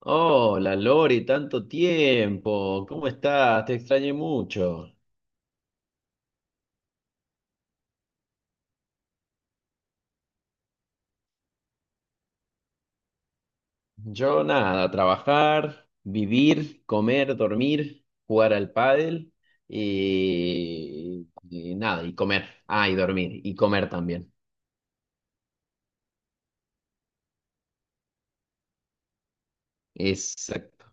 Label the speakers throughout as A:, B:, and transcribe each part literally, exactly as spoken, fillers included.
A: Hola Lori, tanto tiempo. ¿Cómo estás? Te extrañé mucho. Yo nada, trabajar, vivir, comer, dormir, jugar al pádel y, y nada, y comer. Ah, y dormir, y comer también. Exacto,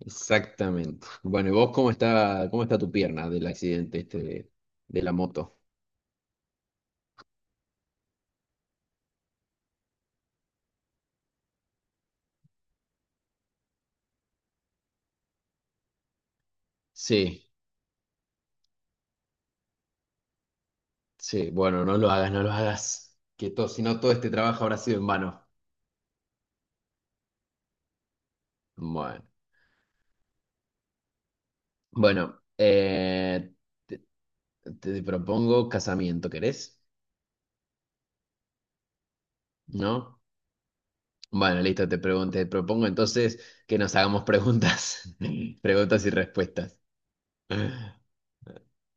A: exactamente. Bueno, ¿y vos cómo está cómo está tu pierna del accidente este de, de la moto? Sí, sí, bueno, no lo hagas, no lo hagas. Que todo, si no todo este trabajo habrá sido en vano. Bueno. Bueno, eh, te propongo casamiento, ¿querés? ¿No? Bueno, listo, te pregun- te propongo entonces que nos hagamos preguntas, preguntas y respuestas.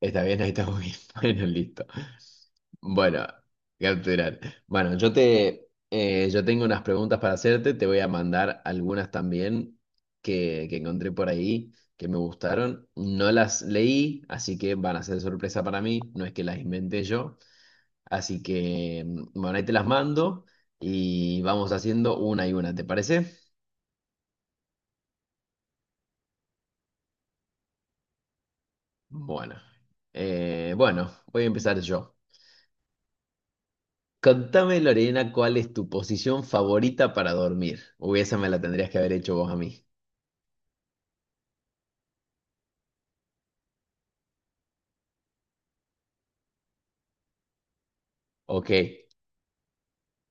A: Está bien, ahí estamos bien. Bueno, listo. Bueno, capturar. Bueno, yo te, eh, yo tengo unas preguntas para hacerte, te voy a mandar algunas también que, que encontré por ahí, que me gustaron. No las leí, así que van a ser sorpresa para mí, no es que las inventé yo. Así que, mm, bueno, ahí te las mando y vamos haciendo una y una, ¿te parece? Bueno, eh, bueno, voy a empezar yo. Contame, Lorena, ¿cuál es tu posición favorita para dormir? Uy, esa me la tendrías que haber hecho vos a mí. Ok,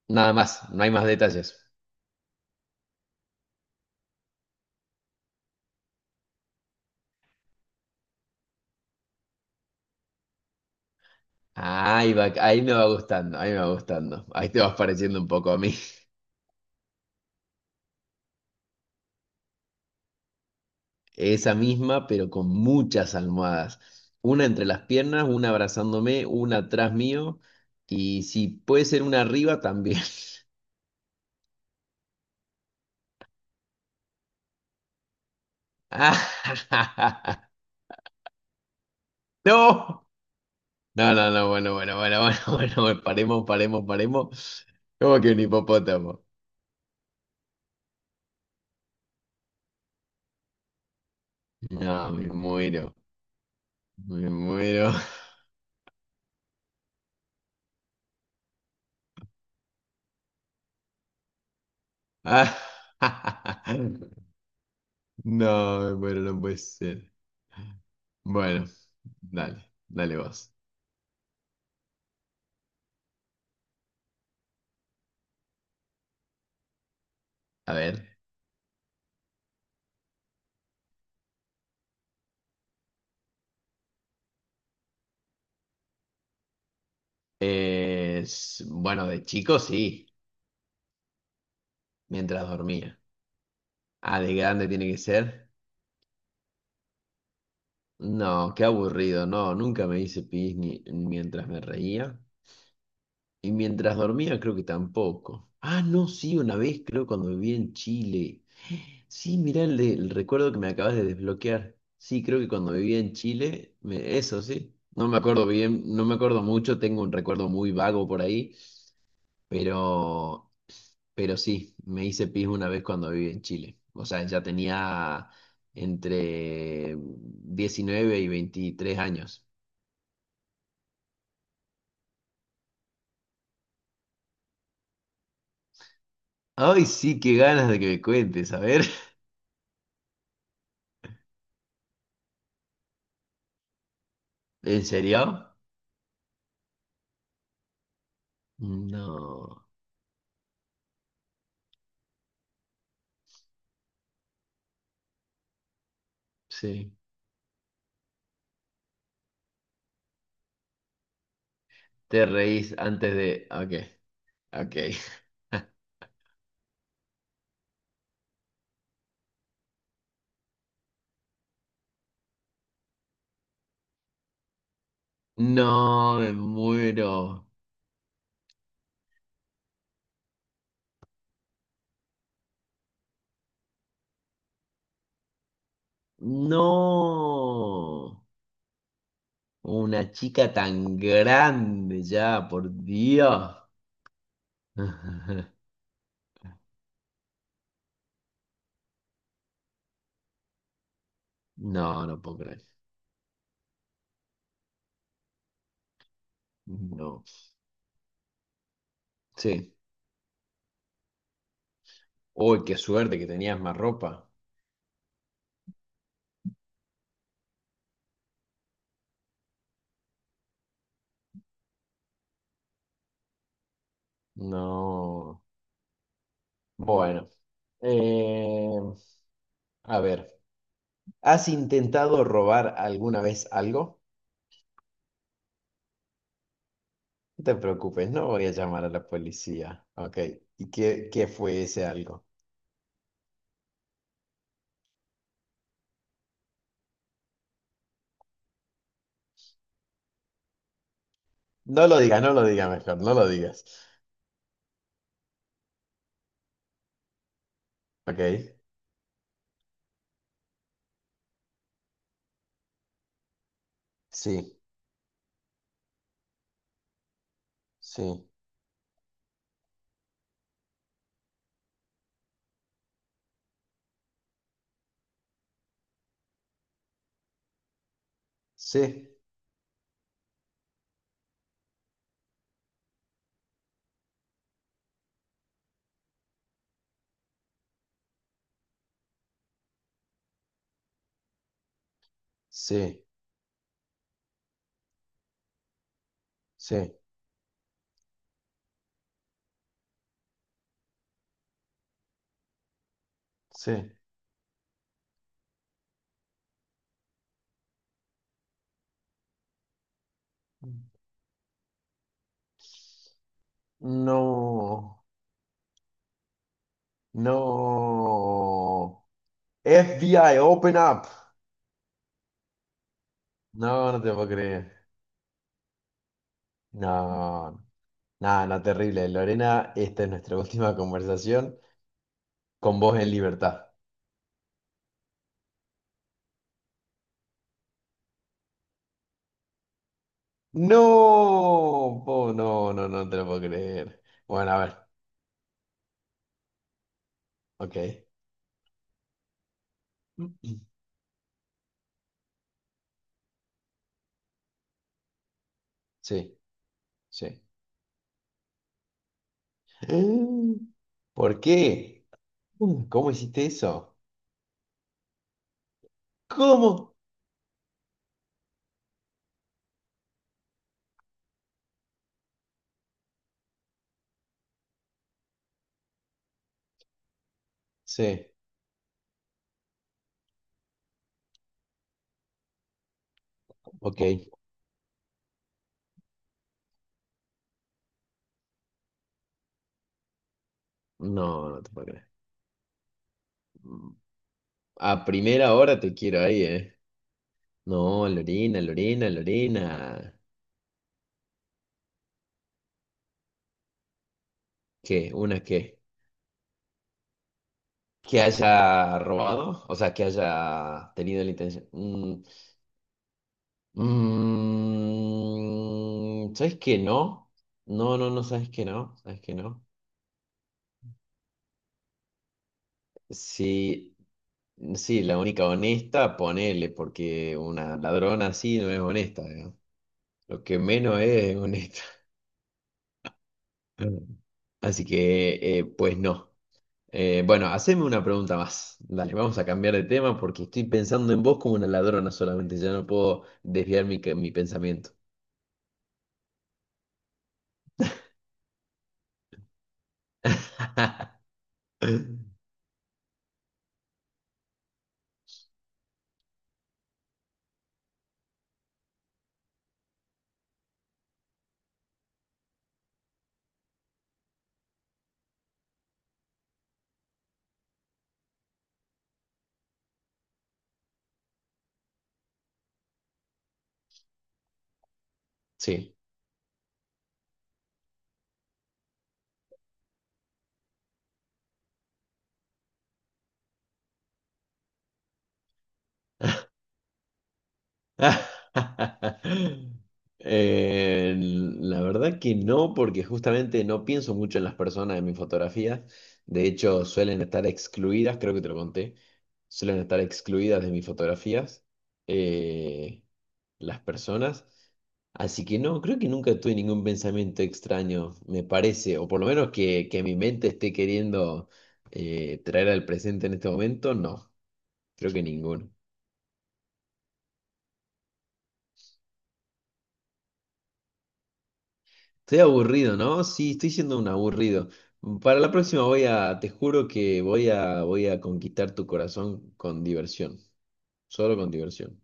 A: nada más, no hay más detalles. Ahí va, ahí me va gustando, ahí me va gustando. Ahí te vas pareciendo un poco a mí. Esa misma, pero con muchas almohadas. Una entre las piernas, una abrazándome, una atrás mío. Y si puede ser una arriba también. ¡Ah! ¡No! No, no, no, bueno, bueno, bueno, bueno, bueno, bueno, paremos, paremos, paremos. ¿Cómo que un hipopótamo? No, me muero, me muero. Ah, No, me muero, no puede ser. Bueno, dale, dale vos. A ver. Eh, s- bueno, de chico sí, mientras dormía. Ah, de grande tiene que ser. No, qué aburrido, no, nunca me hice pis ni mientras me reía. Y mientras dormía creo que tampoco. Ah, no, sí, una vez creo cuando viví en Chile. Sí, mirá el, de- el recuerdo que me acabas de desbloquear. Sí, creo que cuando vivía en Chile, me- eso sí. No me acuerdo bien, no me acuerdo mucho, tengo un recuerdo muy vago por ahí, pero Pero sí, me hice pis una vez cuando viví en Chile. O sea, ya tenía entre diecinueve y veintitrés años. Ay, sí, qué ganas de que me cuentes, a ver. ¿En serio? No, sí. Te reís antes de... Ok, ok. No, me muero. No. Una chica tan grande ya, por Dios. No, no puedo creer. No. Sí. Uy, qué suerte que tenías más ropa. No. Bueno. Eh, a ver. ¿Has intentado robar alguna vez algo? No te preocupes, no voy a llamar a la policía. Ok. ¿Y qué, qué fue ese algo? No lo digas, no lo digas mejor, no lo digas. Ok. Sí, sí, sí, sí, sí, sí. No, no. F B I, open up. No, no te puedo creer. No, nada, no, terrible. Lorena, esta es nuestra última conversación con vos en libertad. No, po- no, no, no te lo puedo creer. Bueno, a ver, ok. Sí, sí. ¿Por qué? Mm, ¿cómo hiciste eso? ¿Cómo? Sí, ok. No, no te puedo creer. Mm, a primera hora te quiero ahí, ¿eh? No, Lorena, Lorena, Lorena. ¿Qué? ¿Una qué? Que haya robado, o sea, que haya tenido la intención. Mm, mm, ¿sabes qué no? No, no, no, ¿sabes qué no? ¿Sabes qué no? Sí, sí, la única honesta, ponele, porque una ladrona así no es honesta, ¿no? Lo que menos es honesta. Así que, eh, pues no. Eh, bueno, haceme una pregunta más. Dale, vamos a cambiar de tema porque estoy pensando en vos como una ladrona solamente, ya no puedo desviar mi, mi pensamiento. Sí. Eh, la verdad que no, porque justamente no pienso mucho en las personas en mis fotografías. De hecho, suelen estar excluidas, creo que te lo conté, suelen estar excluidas de mis fotografías, eh, las personas. Así que no, creo que nunca tuve ningún pensamiento extraño, me parece, o por lo menos que, que mi mente esté queriendo eh, traer al presente en este momento, no, creo que ninguno. Estoy aburrido, ¿no? Sí, estoy siendo un aburrido. Para la próxima voy a, te juro que voy a, voy a conquistar tu corazón con diversión, solo con diversión.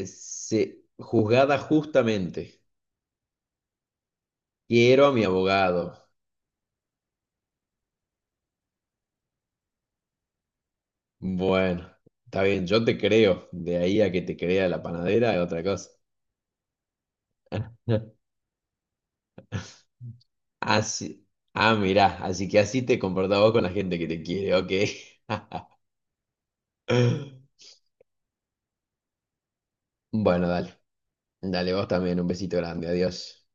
A: Es, eh, juzgada justamente. Quiero a mi abogado. Bueno, está bien, yo te creo. De ahí a que te crea la panadera es otra cosa. Así, ah, mirá, así que así te comportás vos con la gente que te quiere, ok. Bueno, dale, dale vos también, un besito grande, adiós.